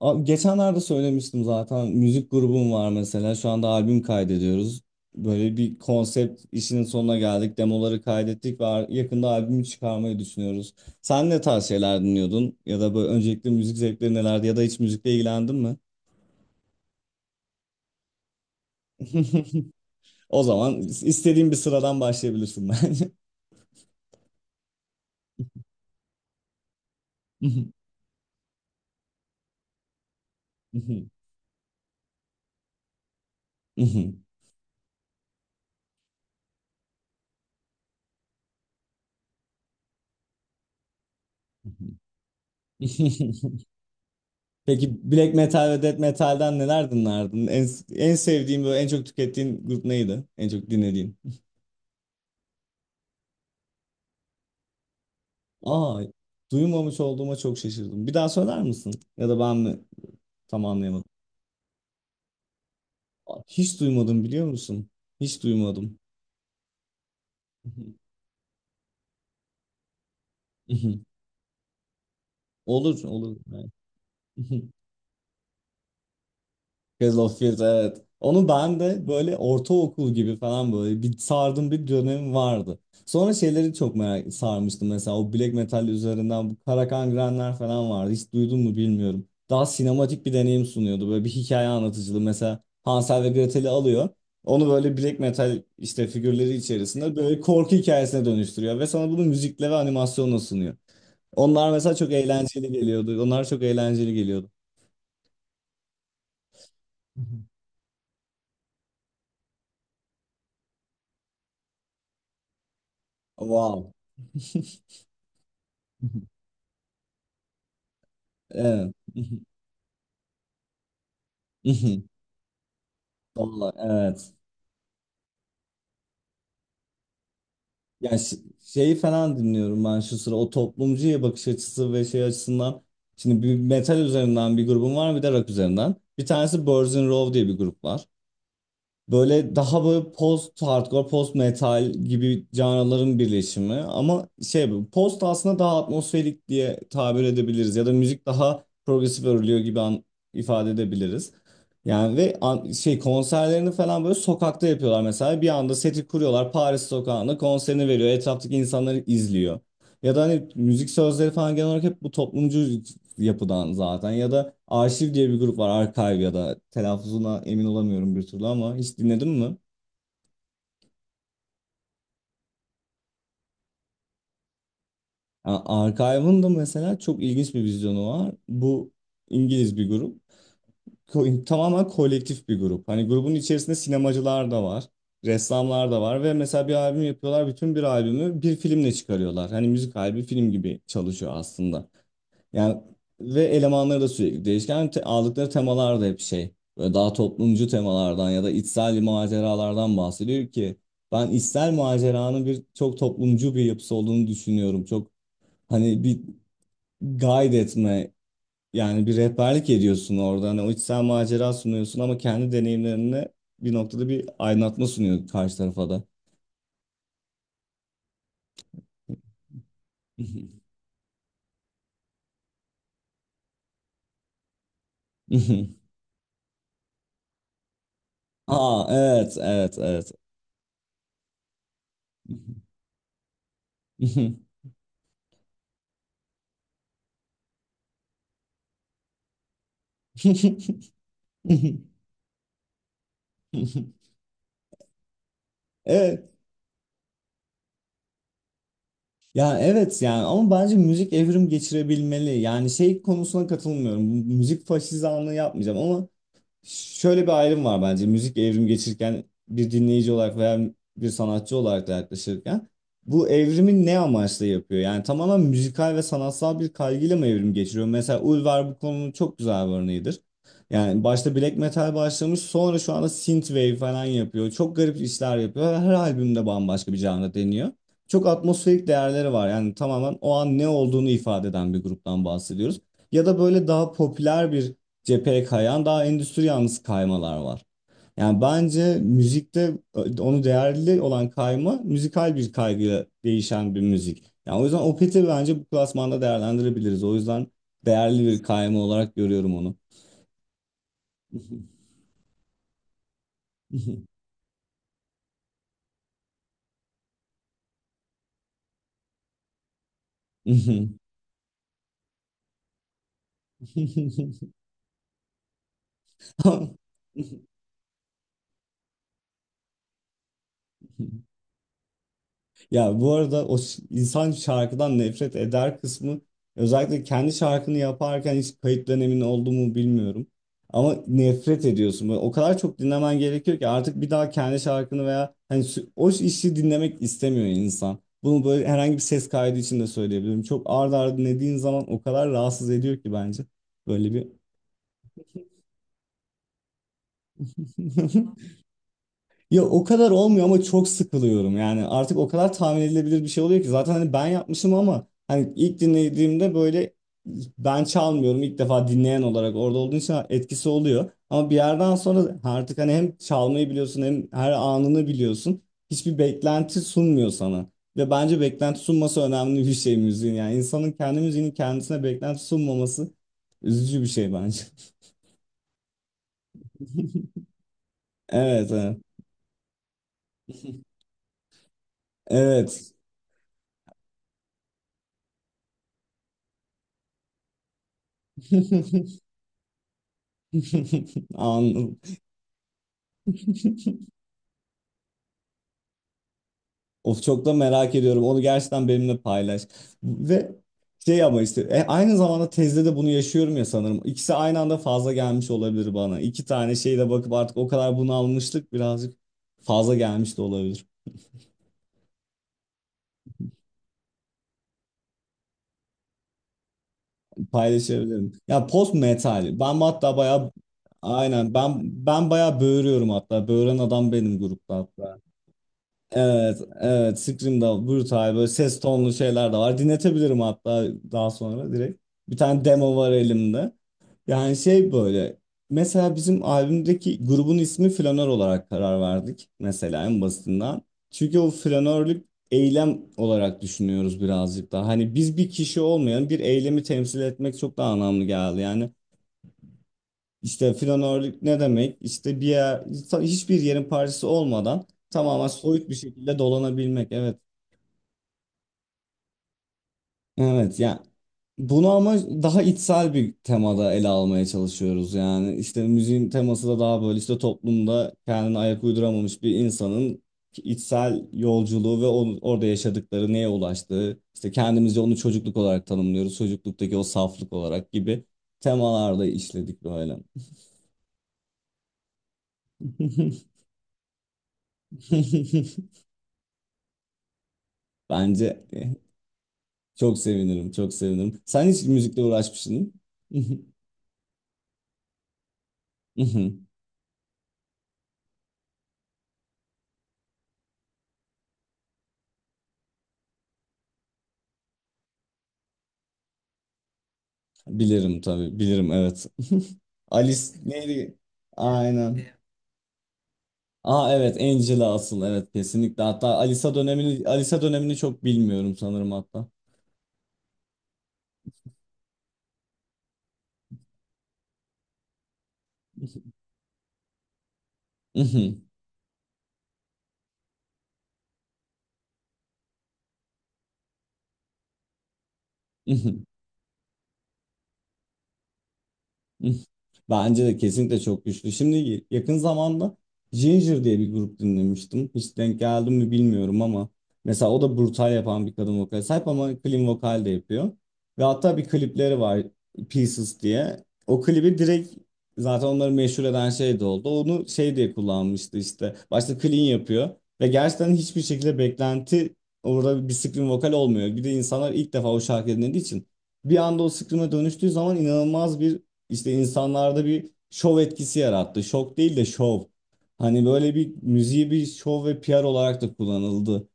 Abi geçenlerde söylemiştim zaten müzik grubum var mesela şu anda albüm kaydediyoruz. Böyle bir konsept işinin sonuna geldik. Demoları kaydettik ve yakında albümü çıkarmayı düşünüyoruz. Sen ne tarz şeyler dinliyordun? Ya da böyle öncelikle müzik zevkleri nelerdi ya da hiç müzikle ilgilendin mi? O zaman istediğin bir sıradan başlayabilirsin bence. Peki black metal ve death metal'den neler dinlerdin? En sevdiğin böyle en çok tükettiğin grup neydi? En çok dinlediğin? Aa, duymamış olduğuma çok şaşırdım. Bir daha söyler misin? Ya da ben mi tam anlayamadım. Aa, hiç duymadım biliyor musun? Hiç duymadım. Olur, olur. Cradle of Filth, evet. Onu ben de böyle ortaokul gibi falan böyle bir sardım bir dönem vardı. Sonra şeyleri çok merak sarmıştım mesela o black metal üzerinden bu Karakan falan vardı. Hiç duydun mu bilmiyorum. Daha sinematik bir deneyim sunuyordu. Böyle bir hikaye anlatıcılığı mesela Hansel ve Gretel'i alıyor. Onu böyle black metal işte figürleri içerisinde böyle korku hikayesine dönüştürüyor ve sana bunu müzikle ve animasyonla sunuyor. Onlar mesela çok eğlenceli geliyordu. Onlar çok eğlenceli geliyordu. Wow. Evet. Vallahi evet. Ya ş- Şeyi falan dinliyorum ben şu sıra o toplumcuya bakış açısı ve şey açısından. Şimdi bir metal üzerinden bir grubum var bir de rock üzerinden. Bir tanesi Birds in Row diye bir grup var. Böyle daha böyle post hardcore, post metal gibi canraların birleşimi ama şey bu, post aslında daha atmosferik diye tabir edebiliriz ya da müzik daha progresif örülüyor gibi ifade edebiliriz. Yani ve şey konserlerini falan böyle sokakta yapıyorlar mesela bir anda seti kuruyorlar Paris sokağında konserini veriyor etraftaki insanları izliyor. Ya da hani müzik sözleri falan genel olarak hep bu toplumcu yapıdan zaten. Ya da Arşiv diye bir grup var. Archive ya da telaffuzuna emin olamıyorum bir türlü ama hiç dinledin mi? Yani Archive'ın da mesela çok ilginç bir vizyonu var. Bu İngiliz bir grup. Tamamen kolektif bir grup. Hani grubun içerisinde sinemacılar da var. Ressamlar da var ve mesela bir albüm yapıyorlar. Bütün bir albümü bir filmle çıkarıyorlar. Hani müzik albüm film gibi çalışıyor aslında. Yani ve elemanları da sürekli değişken. Yani aldıkları temalar da hep şey böyle daha toplumcu temalardan ya da içsel maceralardan bahsediyor ki ben içsel maceranın bir çok toplumcu bir yapısı olduğunu düşünüyorum. Çok hani bir guide etme, yani bir rehberlik ediyorsun orada. Hani o içsel macera sunuyorsun ama kendi deneyimlerine bir noktada bir aydınlatma sunuyor karşı tarafa da. Aa evet evet evet. Evet. Ya evet yani ama bence müzik evrim geçirebilmeli. Yani şey konusuna katılmıyorum. Müzik faşizanlığı yapmayacağım ama şöyle bir ayrım var bence. Müzik evrim geçirirken bir dinleyici olarak veya bir sanatçı olarak da yaklaşırken bu evrimi ne amaçla yapıyor? Yani tamamen müzikal ve sanatsal bir kaygıyla mı evrim geçiriyor? Mesela Ulver bu konunun çok güzel bir örneğidir. Yani başta black metal başlamış sonra şu anda synthwave falan yapıyor. Çok garip işler yapıyor. Ve her albümde bambaşka bir janra deniyor. Çok atmosferik değerleri var. Yani tamamen o an ne olduğunu ifade eden bir gruptan bahsediyoruz. Ya da böyle daha popüler bir cepheye kayan daha endüstri yanlısı kaymalar var. Yani bence müzikte onu değerli olan kayma müzikal bir kaygıyla değişen bir müzik. Yani o yüzden Opeth'i bence bu klasmanda değerlendirebiliriz. O yüzden değerli bir kayma olarak görüyorum onu. Ya bu arada o insan şarkıdan nefret eder kısmı özellikle kendi şarkını yaparken hiç kayıt dönemin oldu mu bilmiyorum. Ama nefret ediyorsun. Böyle o kadar çok dinlemen gerekiyor ki artık bir daha kendi şarkını veya hani o işi dinlemek istemiyor insan. Bunu böyle herhangi bir ses kaydı için de söyleyebilirim. Çok ard arda dinlediğin zaman o kadar rahatsız ediyor ki bence. Böyle bir ya o kadar olmuyor ama çok sıkılıyorum yani artık o kadar tahmin edilebilir bir şey oluyor ki zaten hani ben yapmışım ama hani ilk dinlediğimde böyle ben çalmıyorum ilk defa dinleyen olarak orada olduğun için etkisi oluyor ama bir yerden sonra artık hani hem çalmayı biliyorsun hem her anını biliyorsun hiçbir beklenti sunmuyor sana ve bence beklenti sunması önemli bir şey müziğin, yani insanın kendi müziğinin kendisine beklenti sunmaması üzücü bir şey bence. Evet evet. Evet. Anladım. Of çok da merak ediyorum. Onu gerçekten benimle paylaş. Ve şey ama işte aynı zamanda tezde de bunu yaşıyorum ya sanırım. İkisi aynı anda fazla gelmiş olabilir bana. İki tane şeyle bakıp artık o kadar bunalmışlık birazcık fazla gelmiş de olabilir. Paylaşabilirim. Ya post metal. Ben hatta bayağı, aynen ben bayağı böğürüyorum hatta. Böğüren adam benim grupta. Evet, evet. Scream'da brutal böyle ses tonlu şeyler de var. Dinletebilirim hatta daha sonra direkt. Bir tane demo var elimde. Yani şey böyle. Mesela bizim albümdeki grubun ismi Flanör olarak karar verdik. Mesela en basitinden. Çünkü o flanörlük eylem olarak düşünüyoruz birazcık daha. Hani biz bir kişi olmayan bir eylemi temsil etmek çok daha anlamlı geldi. Yani işte flanörlük ne demek? İşte bir yer, hiçbir yerin parçası olmadan tamamen soyut bir şekilde dolanabilmek. Evet. Evet ya bunu ama daha içsel bir temada ele almaya çalışıyoruz yani işte müziğin teması da daha böyle işte toplumda kendine ayak uyduramamış bir insanın içsel yolculuğu ve orada yaşadıkları neye ulaştığı işte kendimizce onu çocukluk olarak tanımlıyoruz çocukluktaki o saflık olarak gibi temalarda işledik böyle. Bence çok sevinirim, çok sevinirim. Sen hiç müzikle uğraşmışsın değil mi? Mhm. Bilirim tabii, bilirim evet. Alice neydi? Aynen. Aa evet Angela asıl evet kesinlikle. Hatta Alisa dönemini Alisa dönemini çok bilmiyorum sanırım hatta. Mhm, mhm. Bence de kesinlikle çok güçlü. Şimdi yakın zamanda Ginger diye bir grup dinlemiştim. Hiç denk geldim mi bilmiyorum ama mesela o da brutal yapan bir kadın vokale sahip ama clean vokal de yapıyor. Ve hatta bir klipleri var Pieces diye. O klibi direkt zaten onları meşhur eden şey de oldu. Onu şey diye kullanmıştı işte. Başta clean yapıyor ve gerçekten hiçbir şekilde beklenti orada bir scream vokal olmuyor. Bir de insanlar ilk defa o şarkı dinlediği için bir anda o scream'e dönüştüğü zaman inanılmaz bir işte insanlarda bir şov etkisi yarattı. Şok değil de şov. Hani böyle bir müziği bir şov ve PR olarak da kullanıldı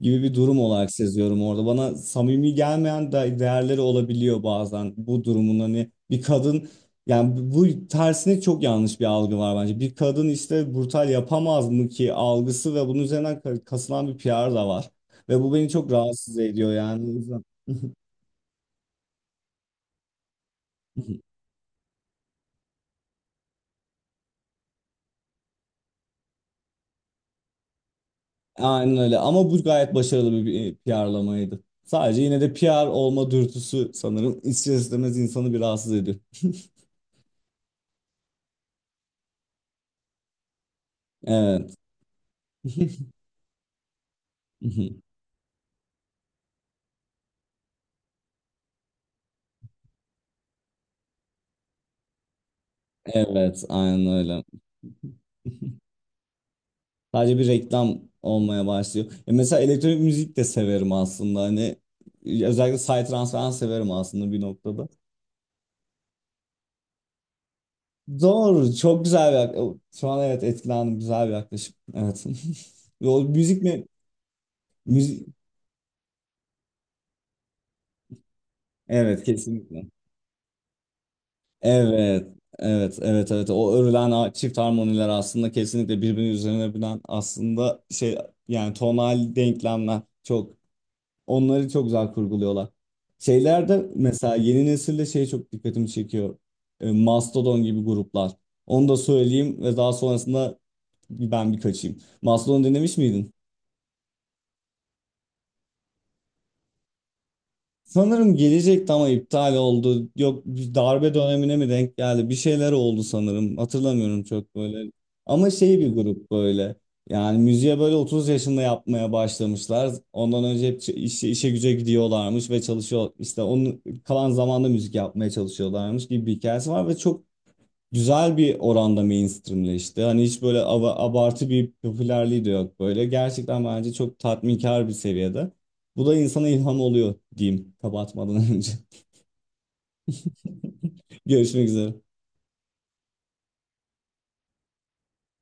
gibi bir durum olarak seziyorum orada. Bana samimi gelmeyen de değerleri olabiliyor bazen bu durumun, hani bir kadın, yani bu tersine çok yanlış bir algı var bence. Bir kadın işte brutal yapamaz mı ki algısı ve bunun üzerinden kasılan bir PR da var. Ve bu beni çok rahatsız ediyor yani. O yüzden- aynen öyle ama bu gayet başarılı bir PR'lamaydı. Sadece yine de PR olma dürtüsü sanırım ister istemez insanı bir rahatsız ediyor. Evet. Evet, aynen öyle. Sadece bir reklam olmaya başlıyor. E mesela elektronik müzik de severim aslında. Hani özellikle psytrance falan severim aslında bir noktada. Doğru, çok güzel bir yaklaşım. Şu an evet etkilendim, güzel bir yaklaşım. Evet. Ve o müzik mi? Müzik. Evet, kesinlikle. Evet, evet, evet, evet. O örülen çift harmoniler aslında kesinlikle birbirinin üzerine binen aslında şey, yani tonal denklemler çok, onları çok güzel kurguluyorlar. Şeylerde mesela yeni nesilde şey çok dikkatimi çekiyor. E, Mastodon gibi gruplar. Onu da söyleyeyim ve daha sonrasında ben bir kaçayım. Mastodon dinlemiş miydin? Sanırım gelecekti ama iptal oldu. Yok bir darbe dönemine mi denk geldi? Bir şeyler oldu sanırım. Hatırlamıyorum çok böyle. Ama şey bir grup böyle. Yani müziğe böyle 30 yaşında yapmaya başlamışlar. Ondan önce hep işe, güce gidiyorlarmış ve çalışıyor. İşte onun kalan zamanda müzik yapmaya çalışıyorlarmış gibi bir hikayesi var ve çok güzel bir oranda mainstreamleşti. Hani hiç böyle abartı bir popülerliği de yok böyle. Gerçekten bence çok tatminkar bir seviyede. Bu da insana ilham oluyor diyeyim kapatmadan önce. Görüşmek üzere.